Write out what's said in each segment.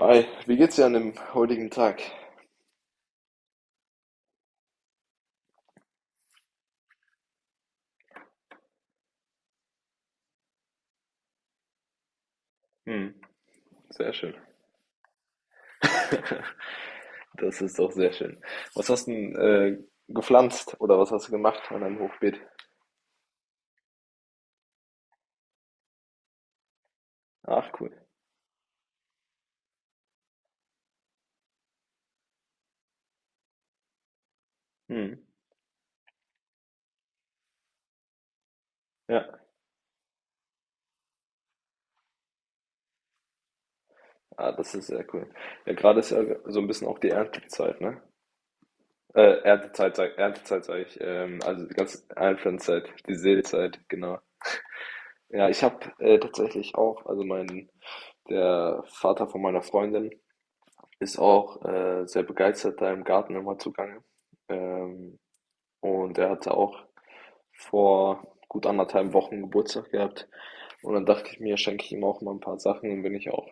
Hi, wie geht's dir an dem heutigen Tag? Hm, sehr schön. Das ist doch sehr schön. Was hast du denn gepflanzt oder was hast du gemacht an deinem Hochbeet? Ach, cool. Hm, ja, ah, das ist sehr cool. Ja, gerade ist ja so ein bisschen auch die Erntezeit, ne? Erntezeit, sag, Erntezeit sage ich. Also die ganze Einpflanzzeit, die Seezeit, genau. Ja, ich habe tatsächlich auch, also mein, der Vater von meiner Freundin ist auch sehr begeistert da im Garten immer zugange. Ähm, Und er hatte auch vor gut anderthalb Wochen Geburtstag gehabt. Und dann dachte ich mir, schenke ich ihm auch mal ein paar Sachen. Und bin ich auch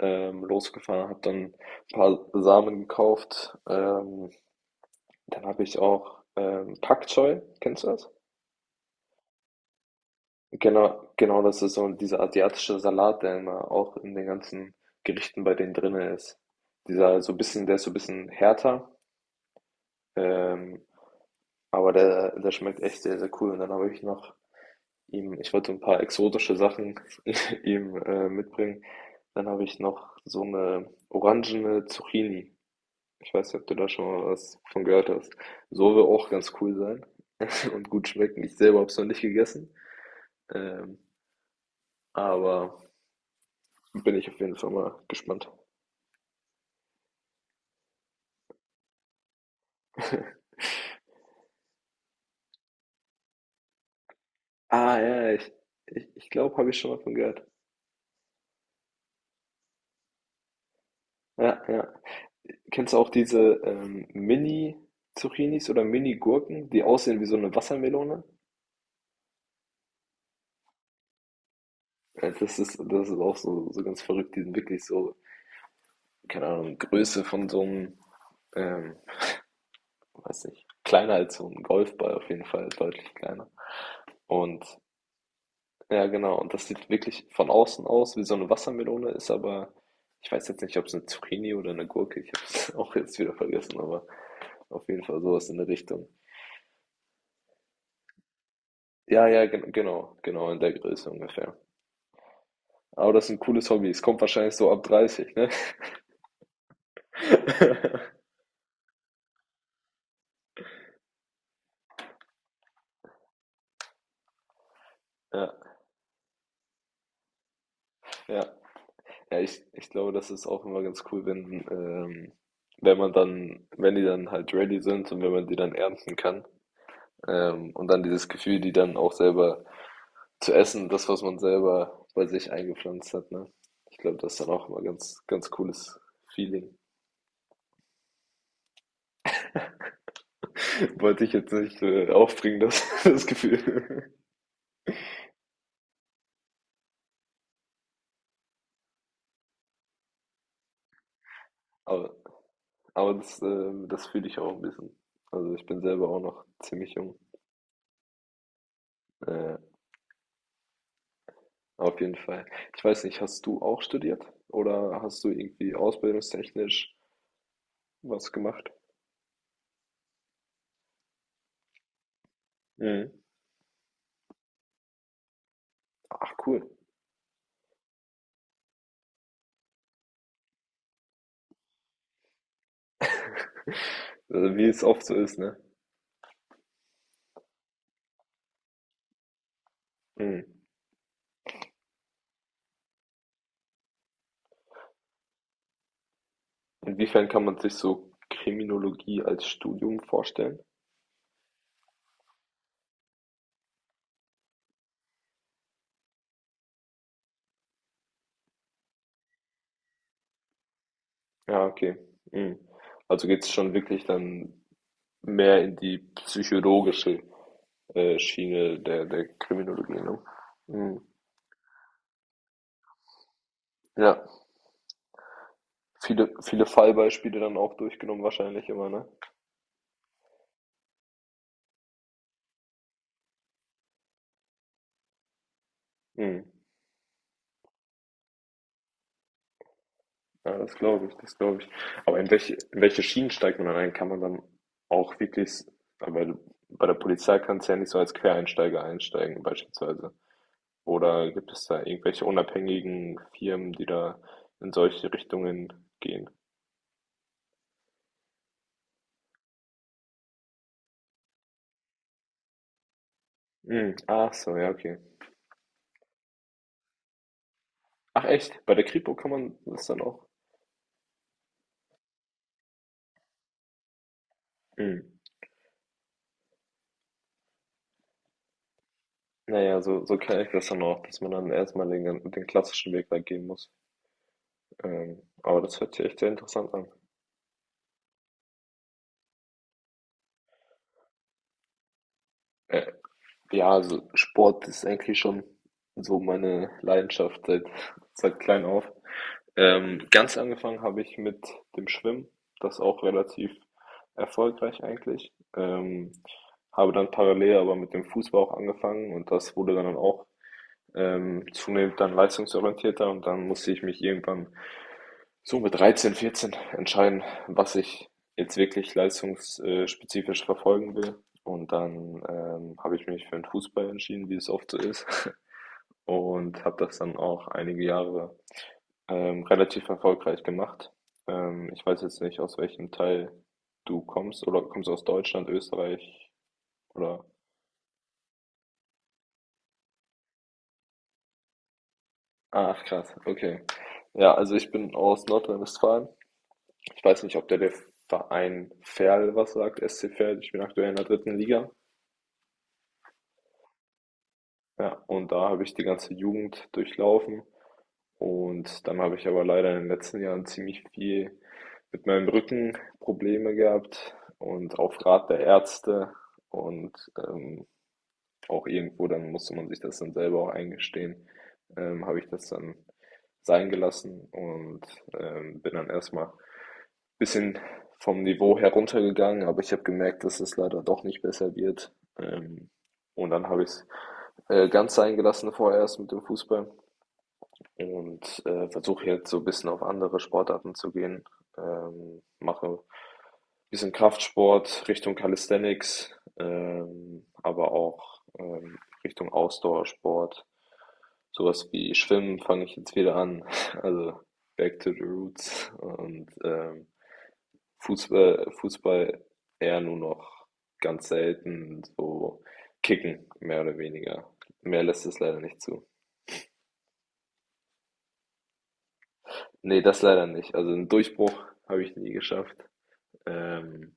losgefahren, habe dann ein paar Samen gekauft. Dann habe ich auch Pak Choi, kennst du das? Genau, genau, das ist so dieser asiatische Salat, der immer auch in den ganzen Gerichten bei denen drin ist. Dieser so ein bisschen, der ist so ein bisschen härter, ähm, aber der schmeckt echt sehr, sehr cool. Und dann habe ich noch Ihm ich wollte ein paar exotische Sachen ihm, mitbringen. Dann habe ich noch so eine orangene Zucchini. Ich weiß nicht, ob du da schon mal was von gehört hast. So wohl auch ganz cool sein und gut schmecken. Ich selber habe es noch nicht gegessen, ähm, aber bin ich auf jeden Fall mal gespannt. Ah, ja, ja, ich glaube, habe ich schon mal von gehört. Ja, ja. Kennst du auch diese, Mini-Zucchinis oder Mini-Gurken, die aussehen wie so eine Wassermelone? Ja, das ist, das ist auch so, so ganz verrückt, die sind wirklich so, keine Ahnung, Größe von so einem, ähm, weiß nicht, kleiner als so ein Golfball auf jeden Fall, deutlich kleiner. Und ja, genau, und das sieht wirklich von außen aus wie so eine Wassermelone, ist aber, ich weiß jetzt nicht, ob es eine Zucchini oder eine Gurke, ich habe es auch jetzt wieder vergessen, aber auf jeden Fall sowas in der Richtung. Ja, ja, genau, genau, in der Größe ungefähr. Aber das ist ein cooles Hobby, es kommt wahrscheinlich so ab 30, ne? Ja, ja. Ja, ich glaube, das ist auch immer ganz cool, wenn man dann, wenn die dann halt ready sind und wenn man die dann ernten kann. Und dann dieses Gefühl, die dann auch selber zu essen, das, was man selber bei sich eingepflanzt hat, ne? Ich glaube, das ist dann auch immer ganz, ganz cooles Feeling. Wollte ich jetzt nicht aufbringen, das, das Gefühl. Aber, aber das, das fühle ich auch ein bisschen. Also ich bin selber auch noch ziemlich jung. Äh, Auf jeden Fall. Ich weiß nicht, hast du auch studiert oder hast du irgendwie ausbildungstechnisch was gemacht? Mhm. Ach cool. Also wie es oft so ist, ne? Mhm. Inwiefern kann man sich so Kriminologie als Studium vorstellen? Ja, okay. Mhm. Also geht es schon wirklich dann mehr in die psychologische Schiene der Kriminologie, ne? Mhm. Ja, viele, viele Fallbeispiele dann auch durchgenommen wahrscheinlich immer, ne? Mhm. Ja, das glaube ich, das glaube ich. Aber in welche Schienen steigt man dann ein? Kann man dann auch wirklich, weil bei der Polizei kannst du ja nicht so als Quereinsteiger einsteigen, beispielsweise. Oder gibt es da irgendwelche unabhängigen Firmen, die da in solche Richtungen gehen? Hm, ach so, ja, okay. Ach echt, bei der Kripo kann man das dann auch? Hm. Naja, so kenne ich das dann auch, dass man dann erstmal den klassischen Weg da gehen muss. Aber das hört sich echt sehr interessant an. Ja, also Sport ist eigentlich schon so meine Leidenschaft seit klein auf. Ganz angefangen habe ich mit dem Schwimmen, das auch relativ erfolgreich eigentlich. Habe dann parallel aber mit dem Fußball auch angefangen und das wurde dann auch zunehmend dann leistungsorientierter und dann musste ich mich irgendwann so mit 13/14 entscheiden, was ich jetzt wirklich leistungsspezifisch verfolgen will. Und dann habe ich mich für den Fußball entschieden, wie es oft so ist. Und habe das dann auch einige Jahre relativ erfolgreich gemacht. Ich weiß jetzt nicht, aus welchem Teil du kommst. Oder kommst du aus Deutschland, Österreich oder... Ach, krass, okay. Ja, also ich bin aus Nordrhein-Westfalen. Ich weiß nicht, ob der Verein Verl was sagt, SC Verl. Ich bin aktuell in der dritten Liga. Ja, und da habe ich die ganze Jugend durchlaufen und dann habe ich aber leider in den letzten Jahren ziemlich viel mit meinem Rücken Probleme gehabt und auf Rat der Ärzte und ähm, auch irgendwo, dann musste man sich das dann selber auch eingestehen, habe ich das dann sein gelassen und bin dann erstmal bisschen vom Niveau heruntergegangen, aber ich habe gemerkt, dass es leider doch nicht besser wird. Ähm, und dann habe ich es ganz sein gelassen vorerst mit dem Fußball und versuche jetzt so ein bisschen auf andere Sportarten zu gehen. Mache ein bisschen Kraftsport Richtung Calisthenics, aber auch Richtung Ausdauersport. Sowas wie Schwimmen fange ich jetzt wieder an, also back to the roots und Fußball eher nur noch ganz selten so kicken, mehr oder weniger. Mehr lässt es leider nicht zu. Ne, das leider nicht. Also einen Durchbruch habe ich nie geschafft. Ähm,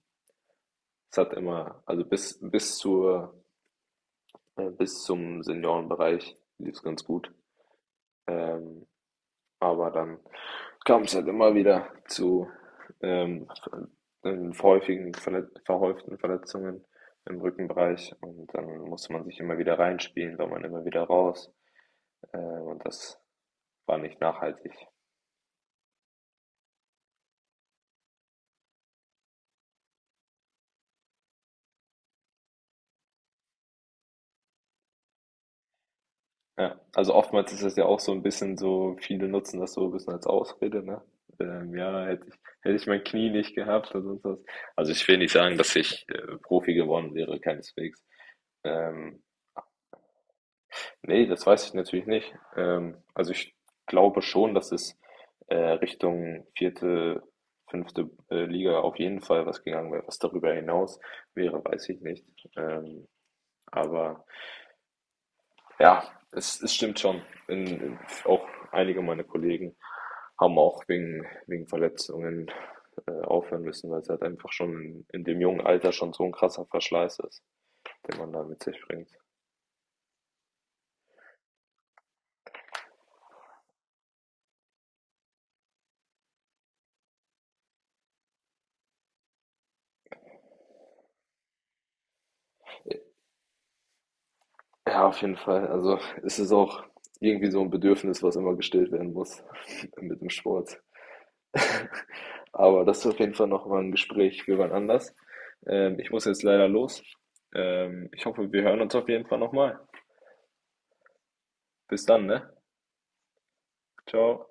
Es hat immer also bis zum Seniorenbereich lief es ganz gut. Ähm, Aber dann kam es halt immer wieder zu, ähm, häufigen verlet verhäuften Verletzungen im Rückenbereich und dann musste man sich immer wieder reinspielen, war man immer wieder raus, und das war nicht nachhaltig. Ja, also oftmals ist es ja auch so ein bisschen so viele nutzen das so ein bisschen als Ausrede, ne? Ja, hätte ich mein Knie nicht gehabt oder sonst was. Also, ich will nicht sagen, dass ich, Profi geworden wäre, keineswegs. Ähm, Ne, das weiß ich natürlich nicht. Also ich glaube schon, dass es Richtung vierte, fünfte Liga auf jeden Fall was gegangen wäre. Was darüber hinaus wäre, weiß ich nicht. Ähm, aber ja, es stimmt schon. In, in, Auch einige meiner Kollegen haben auch wegen Verletzungen aufhören müssen, weil es halt einfach schon in dem jungen Alter schon so ein krasser Verschleiß ist, den man da mit sich bringt. Ja, auf jeden Fall. Also es ist auch irgendwie so ein Bedürfnis, was immer gestillt werden muss mit dem Sport. Aber das ist auf jeden Fall noch mal ein Gespräch für wann anders. Ich muss jetzt leider los. Ich hoffe, wir hören uns auf jeden Fall nochmal. Bis dann, ne? Ciao.